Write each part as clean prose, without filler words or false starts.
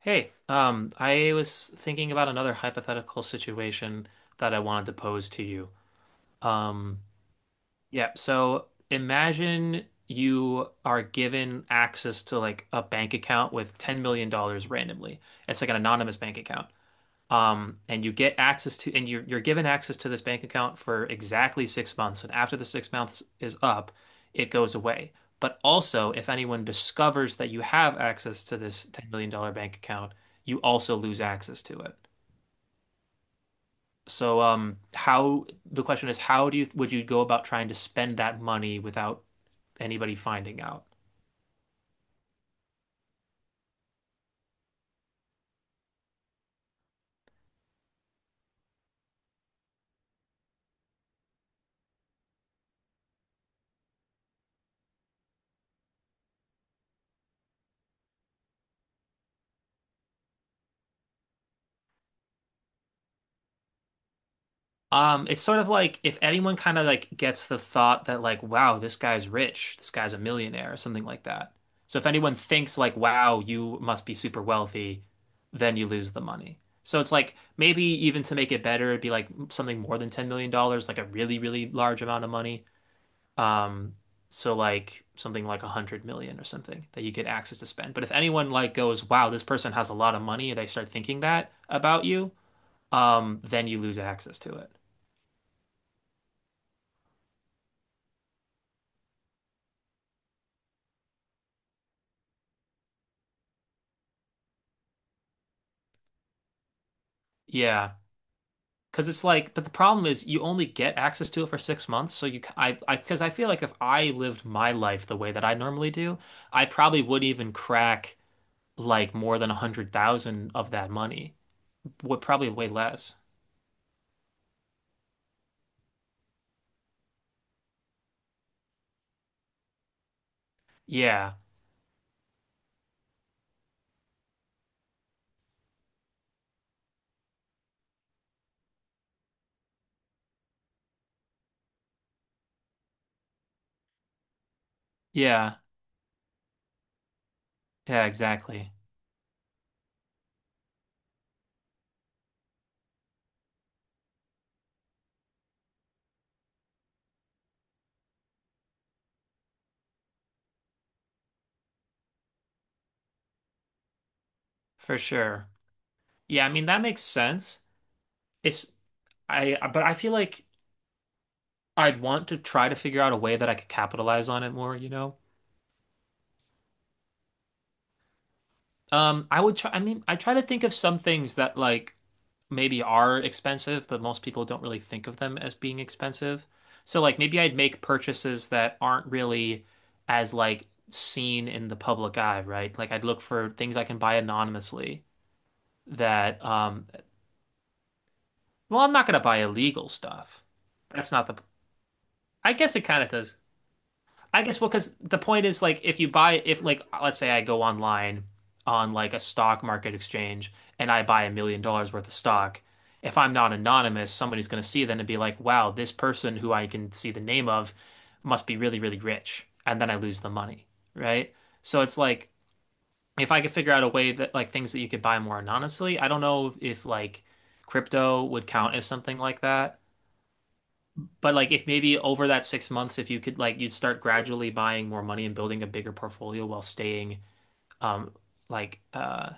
Hey, I was thinking about another hypothetical situation that I wanted to pose to you. Um, yeah, so imagine you are given access to like a bank account with $10 million dollars randomly. It's like an anonymous bank account. And you get access to, and you're given access to this bank account for exactly 6 months. And after the 6 months is up, it goes away. But also, if anyone discovers that you have access to this $10 million dollars bank account, you also lose access to it. So, how the question is, how do you would you go about trying to spend that money without anybody finding out? It's sort of like if anyone kind of like gets the thought that like, wow, this guy's rich, this guy's a millionaire, or something like that. So if anyone thinks like, wow, you must be super wealthy, then you lose the money. So it's like maybe even to make it better, it'd be like something more than $10 million, dollars, like a really, really large amount of money. Um, so like something like 100 million or something that you get access to spend. But if anyone like goes, wow, this person has a lot of money, and they start thinking that about you, then you lose access to it. Yeah, because it's like, but the problem is you only get access to it for 6 months. So because I feel like if I lived my life the way that I normally do, I probably would even crack like more than 100,000 of that money. Would probably way less. Yeah, yeah, yeah, exactly, for sure. Yeah, I mean that makes sense. It's but I feel like I'd want to try to figure out a way that I could capitalize on it more. I would try. I mean, I try to think of some things that like maybe are expensive, but most people don't really think of them as being expensive. So like maybe I'd make purchases that aren't really as like seen in the public eye, right? Like I'd look for things I can buy anonymously that. Well, I'm not gonna buy illegal stuff. That's not the. I guess it kind of does. I guess well, because the point is like if you buy if like let's say I go online on like a stock market exchange and I buy $1 million worth of stock, if I'm not anonymous, somebody's going to see that and be like, "Wow, this person who I can see the name of must be really, really rich," and then I lose the money, right? So it's like if I could figure out a way that like things that you could buy more anonymously, I don't know if like crypto would count as something like that. But like if maybe over that 6 months, if you could like you'd start gradually buying more money and building a bigger portfolio while staying um like uh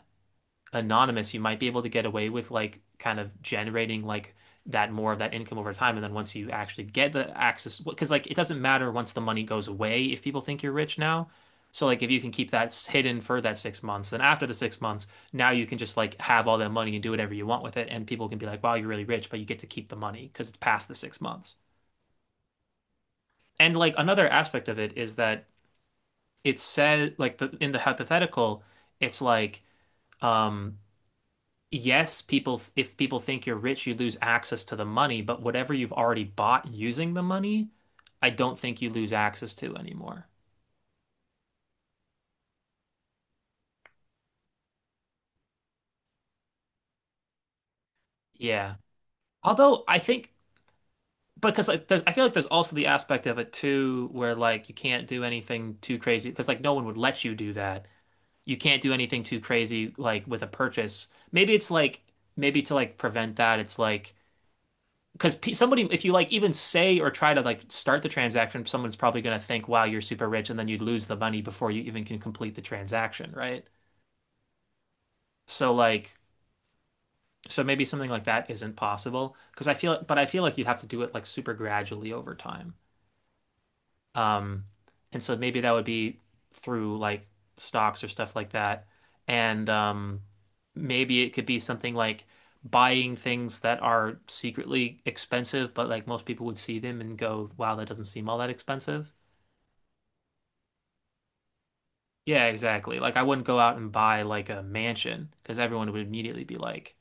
anonymous, you might be able to get away with like kind of generating like that more of that income over time. And then once you actually get the access, because like it doesn't matter once the money goes away if people think you're rich now. So like if you can keep that hidden for that 6 months, then after the 6 months, now you can just like have all that money and do whatever you want with it, and people can be like, "Wow, you're really rich," but you get to keep the money because it's past the 6 months. And like another aspect of it is that it says like the, in the hypothetical, it's like um yes, people if people think you're rich, you lose access to the money, but whatever you've already bought using the money, I don't think you lose access to anymore. Yeah. Although I think because like there's I feel like there's also the aspect of it too where like you can't do anything too crazy because like no one would let you do that. You can't do anything too crazy like with a purchase. Maybe it's like maybe to like prevent that, it's like because somebody, if you like even say or try to like start the transaction, someone's probably going to think, wow, you're super rich. And then you'd lose the money before you even can complete the transaction, right? So, like, so maybe something like that isn't possible because I feel, but I feel like you'd have to do it like super gradually over time. Um, and so maybe that would be through like stocks or stuff like that. And maybe it could be something like buying things that are secretly expensive, but like most people would see them and go, wow, that doesn't seem all that expensive. Yeah, exactly. Like I wouldn't go out and buy like a mansion because everyone would immediately be like,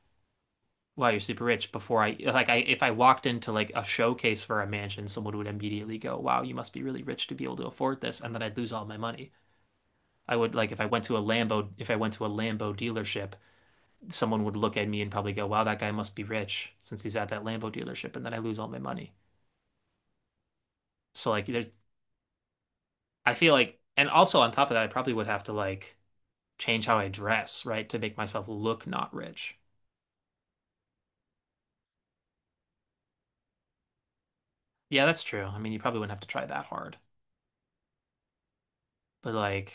wow, you're super rich. Before I, like, I, if I walked into like a showcase for a mansion, someone would immediately go, wow, you must be really rich to be able to afford this. And then I'd lose all my money. I would like if I went to a Lambo, if I went to a Lambo dealership, someone would look at me and probably go, "Wow, that guy must be rich since he's at that Lambo dealership," and then I lose all my money. So like there's I feel like and also on top of that, I probably would have to like change how I dress, right, to make myself look not rich. Yeah, that's true. I mean, you probably wouldn't have to try that hard. But like,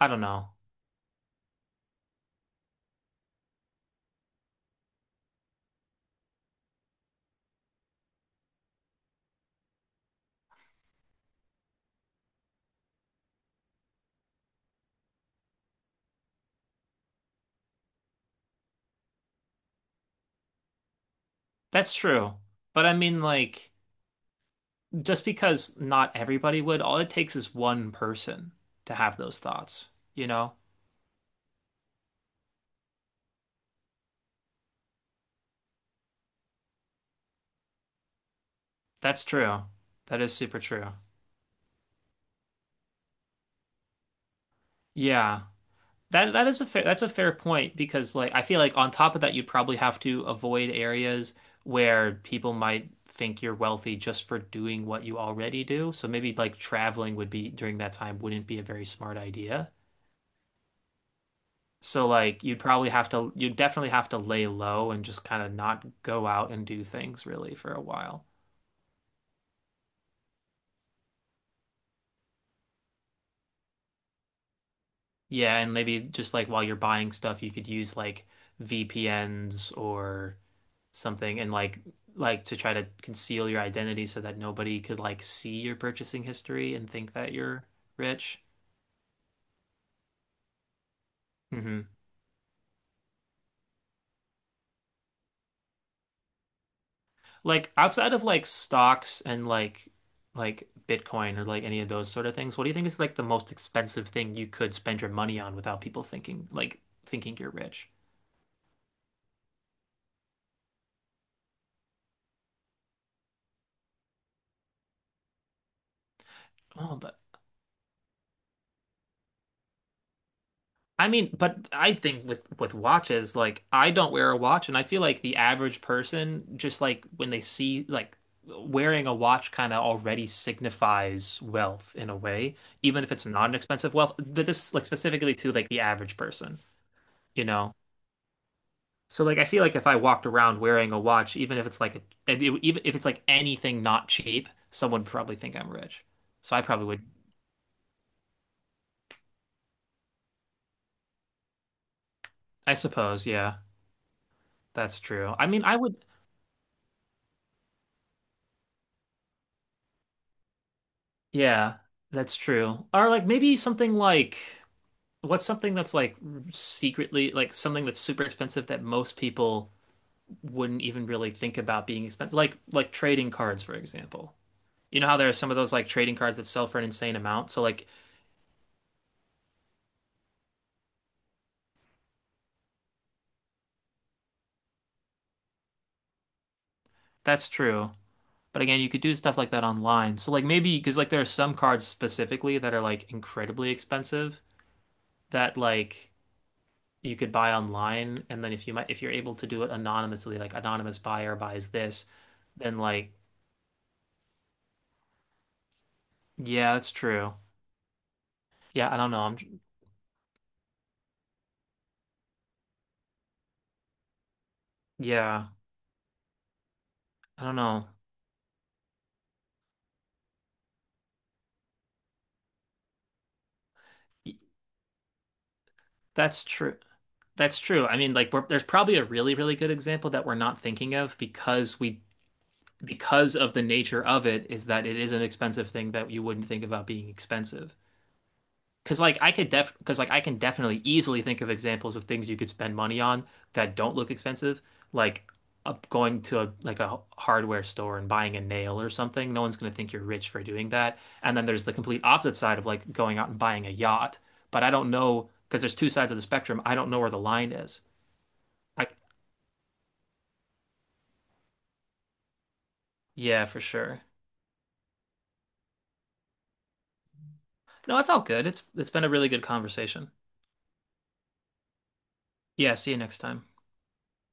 I don't know. That's true. But I mean like just because not everybody would, all it takes is one person to have those thoughts, you know? That's true. That is super true. Yeah. That that is a fair that's a fair point because like I feel like on top of that you'd probably have to avoid areas where people might think you're wealthy just for doing what you already do. So maybe like traveling would be during that time wouldn't be a very smart idea. So like you'd definitely have to lay low and just kind of not go out and do things really for a while. Yeah, and maybe just like while you're buying stuff you could use like VPNs or something and like to try to conceal your identity so that nobody could like see your purchasing history and think that you're rich. Hmm. Like outside of like stocks and like Bitcoin or like any of those sort of things, what do you think is like the most expensive thing you could spend your money on without people thinking you're rich? Oh, I mean, but I think with watches, like I don't wear a watch, and I feel like the average person just like when they see like wearing a watch kind of already signifies wealth in a way, even if it's not an expensive wealth. But this like specifically to like the average person, you know? So like I feel like if I walked around wearing a watch, even if it's like a, and it- even if it's like anything not cheap, someone would probably think I'm rich. So I probably would, I suppose, yeah, that's true. I mean, I would. Yeah, that's true. Or like maybe something like what's something that's like secretly like something that's super expensive that most people wouldn't even really think about being expensive. Like trading cards, for example. You know how there are some of those like trading cards that sell for an insane amount? So like that's true. But again, you could do stuff like that online. So like maybe because like there are some cards specifically that are like incredibly expensive that like you could buy online and then if you might if you're able to do it anonymously like anonymous buyer buys this then like, yeah, that's true. Yeah, I don't know. I'm yeah, I don't know. Y- that's true, that's true. I mean there's probably a really, really good example that we're not thinking of because we because of the nature of it is that it is an expensive thing that you wouldn't think about being expensive. Cause like I can definitely easily think of examples of things you could spend money on that don't look expensive, like going to a hardware store and buying a nail or something. No one's gonna think you're rich for doing that. And then there's the complete opposite side of like going out and buying a yacht. But I don't know, cause there's two sides of the spectrum. I don't know where the line is. I Yeah, for sure. No, it's all good. It's been a really good conversation. Yeah, see you next time.